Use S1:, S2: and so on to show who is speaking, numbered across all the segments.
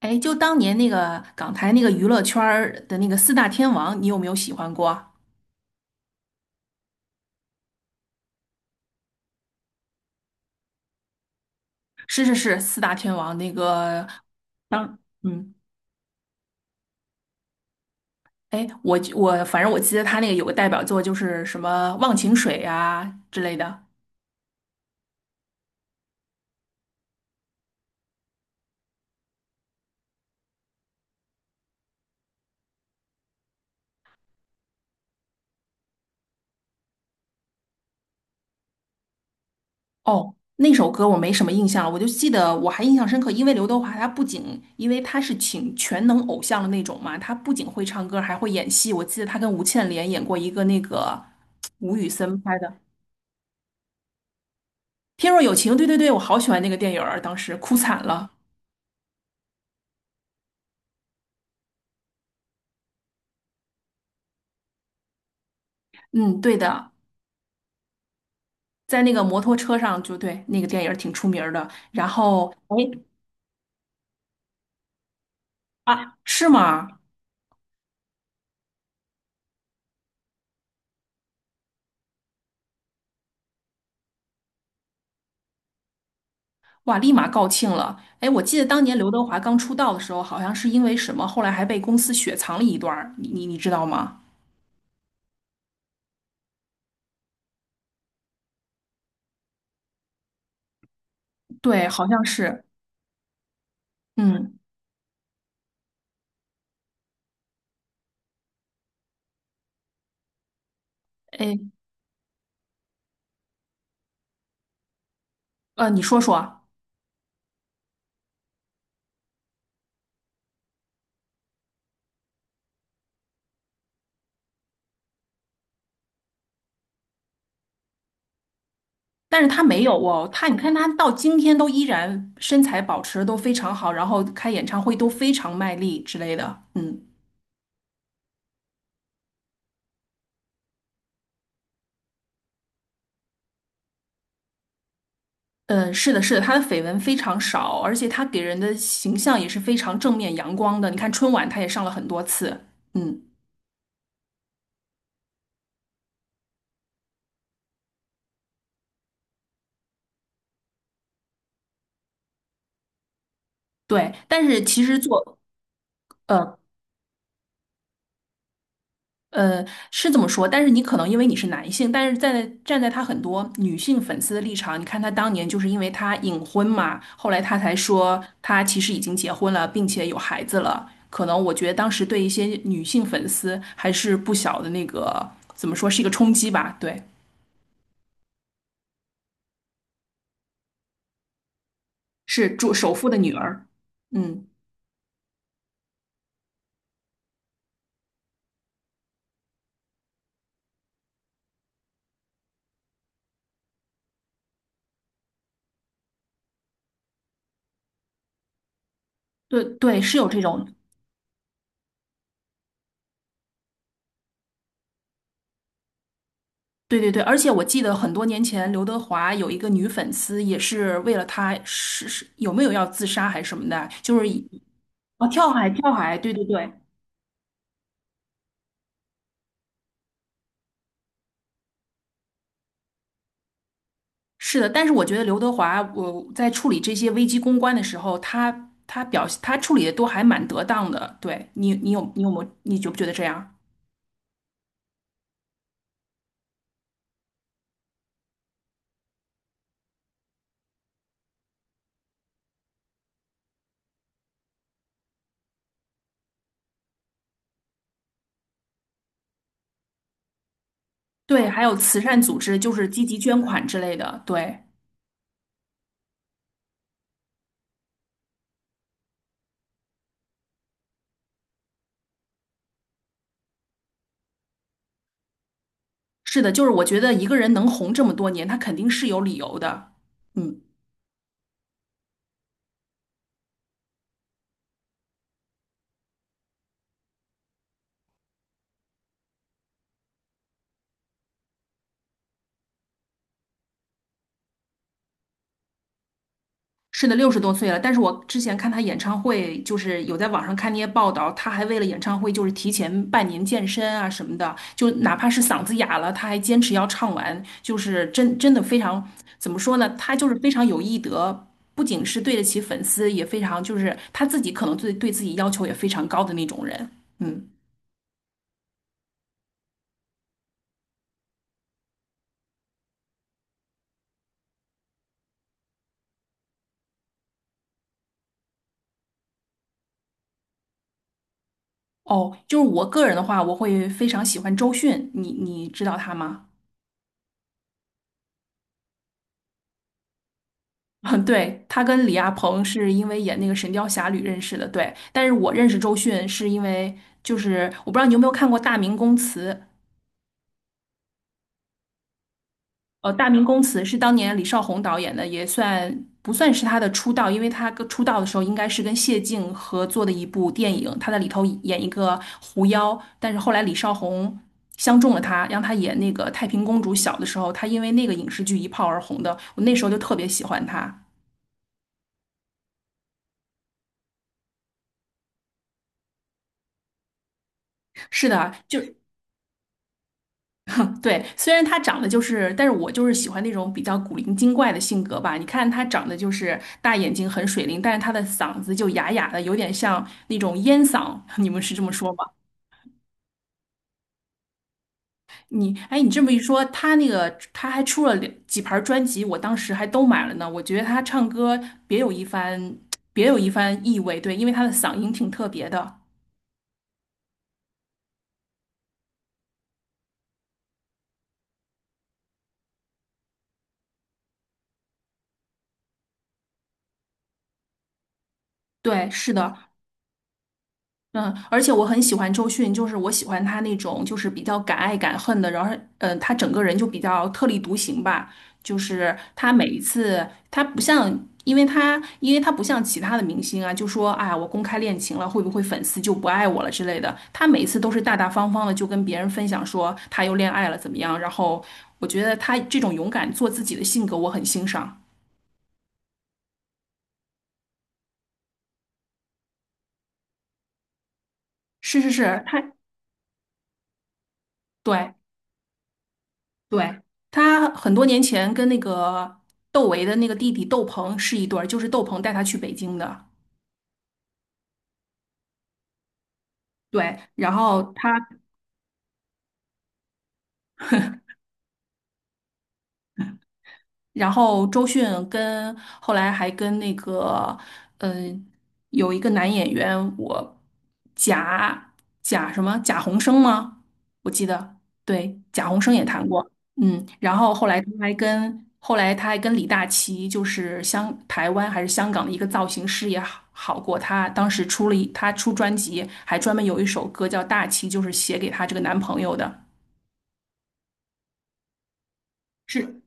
S1: 哎，就当年那个港台那个娱乐圈儿的那个四大天王，你有没有喜欢过？是是是，四大天王那个当哎，我反正我记得他那个有个代表作就是什么《忘情水》啊之类的。哦，那首歌我没什么印象了，我就记得我还印象深刻，因为刘德华他不仅因为他是请全能偶像的那种嘛，他不仅会唱歌还会演戏。我记得他跟吴倩莲演过一个那个吴宇森拍的。天若有情，对对对，我好喜欢那个电影儿，当时哭惨了。嗯，对的，在那个摩托车上，就对，那个电影儿挺出名儿的。然后，哎啊，是吗？哇，立马告罄了。哎，我记得当年刘德华刚出道的时候，好像是因为什么，后来还被公司雪藏了一段儿，你知道吗？对，好像是。嗯，哎，你说说。但是他没有哦，他你看他到今天都依然身材保持得都非常好，然后开演唱会都非常卖力之类的，嗯。嗯，是的，是的，他的绯闻非常少，而且他给人的形象也是非常正面阳光的。你看春晚，他也上了很多次，嗯，对。但是其实做，呃呃，是这么说，但是你可能因为你是男性，但是在站在他很多女性粉丝的立场，你看他当年就是因为他隐婚嘛，后来他才说他其实已经结婚了，并且有孩子了。可能我觉得当时对一些女性粉丝还是不小的那个，怎么说是一个冲击吧，对。是主首富的女儿。嗯，对对，是有这种，对对对，而且我记得很多年前刘德华有一个女粉丝，也是为了他是有没有要自杀还是什么的，就是以哦跳海跳海，对对对，是的。但是我觉得刘德华，我在处理这些危机公关的时候，他表现他处理的都还蛮得当的。对你，你有没有你觉不觉得这样？对，还有慈善组织，就是积极捐款之类的，对。是的，就是我觉得一个人能红这么多年，他肯定是有理由的。嗯，是的，六十多岁了，但是我之前看他演唱会，就是有在网上看那些报道，他还为了演唱会就是提前半年健身啊什么的，就哪怕是嗓子哑了，他还坚持要唱完，就是真真的非常，怎么说呢？他就是非常有艺德，不仅是对得起粉丝，也非常就是他自己可能对自己要求也非常高的那种人。嗯，哦，就是我个人的话，我会非常喜欢周迅，你知道他吗？嗯，对，他跟李亚鹏是因为演那个《神雕侠侣》认识的，对。但是我认识周迅是因为，就是我不知道你有没有看过《大明宫词》，《大明宫词》是当年李少红导演的，也算不算是他的出道，因为他跟出道的时候应该是跟谢晋合作的一部电影，他在里头演一个狐妖，但是后来李少红相中了他，让他演那个太平公主。小的时候，他因为那个影视剧一炮而红的，我那时候就特别喜欢他。是的，就对，虽然他长得就是，但是我就是喜欢那种比较古灵精怪的性格吧。你看他长得就是大眼睛，很水灵，但是他的嗓子就哑哑的，有点像那种烟嗓。你们是这么说吗？你，哎，你这么一说，他那个他还出了两几盘专辑，我当时还都买了呢。我觉得他唱歌别有一番，别有一番意味。对，因为他的嗓音挺特别的。对，是的，嗯，而且我很喜欢周迅，就是我喜欢她那种就是比较敢爱敢恨的，然后嗯，她整个人就比较特立独行吧。就是她每一次，她不像，因为她不像其他的明星啊，就说啊我公开恋情了，会不会粉丝就不爱我了之类的。她每一次都是大大方方的，就跟别人分享说她又恋爱了怎么样。然后我觉得她这种勇敢做自己的性格，我很欣赏。是是是，她对。对，他很多年前跟那个窦唯的那个弟弟窦鹏是一对儿，就是窦鹏带他去北京的。对，然后他然后周迅跟后来还跟那个，嗯、有一个男演员，我贾贾什么贾宏声吗？我记得，对，贾宏声也谈过，嗯，然后后来他还跟李大齐，就是香台湾还是香港的一个造型师也好好过，他当时出了一他出专辑，还专门有一首歌叫《大齐》，就是写给他这个男朋友的。是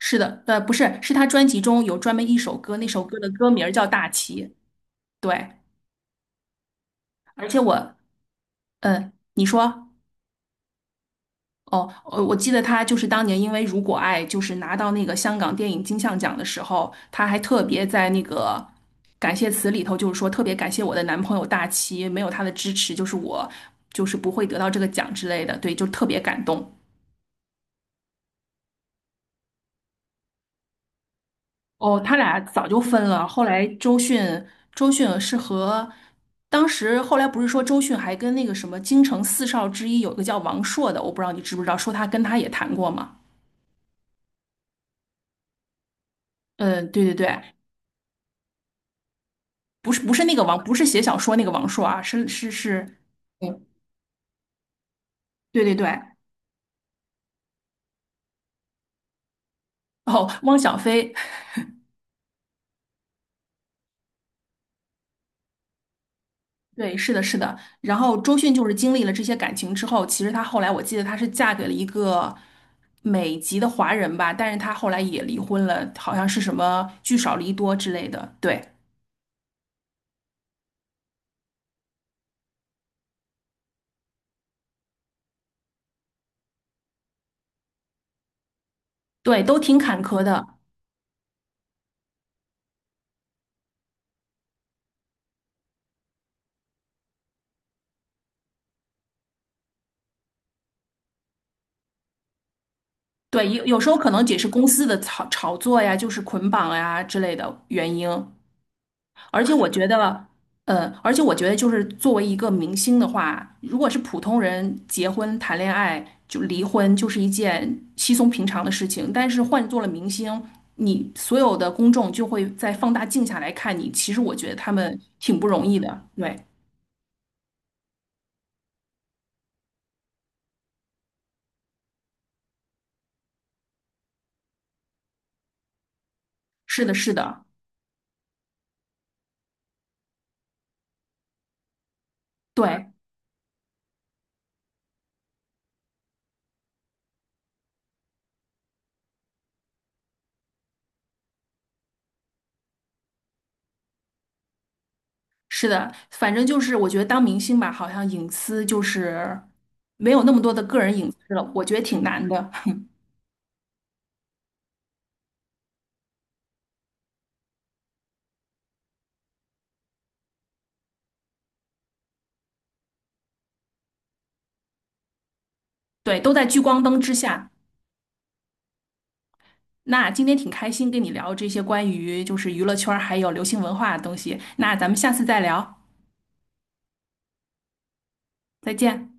S1: 是的，呃，不是，是他专辑中有专门一首歌，那首歌的歌名儿叫《大旗》。对，而且我，嗯，你说，哦，我记得他就是当年因为《如果爱》就是拿到那个香港电影金像奖的时候，他还特别在那个感谢词里头，就是说特别感谢我的男朋友大齐，没有他的支持，就是我就是不会得到这个奖之类的。对，就特别感动。哦，他俩早就分了。后来周迅，周迅是和当时后来不是说周迅还跟那个什么京城四少之一有一个叫王朔的，我不知道你知不知道，说他跟他也谈过嘛？嗯，对对对，不是那个王，不是写小说那个王朔啊，是是是，对对对对。哦，汪小菲，对，是的，是的。然后周迅就是经历了这些感情之后，其实她后来我记得她是嫁给了一个美籍的华人吧，但是她后来也离婚了，好像是什么聚少离多之类的。对，对，都挺坎坷的。对，有有时候可能也是公司的炒作呀，就是捆绑呀之类的原因。而且我觉得，就是作为一个明星的话，如果是普通人结婚、谈恋爱就离婚，就是一件稀松平常的事情。但是换做了明星，你所有的公众就会在放大镜下来看你。其实我觉得他们挺不容易的。对，是的，是的，对，是的。反正就是我觉得当明星吧，好像隐私就是没有那么多的个人隐私了，我觉得挺难的。对，都在聚光灯之下。那今天挺开心跟你聊这些关于就是娱乐圈儿还有流行文化的东西，那咱们下次再聊，再见。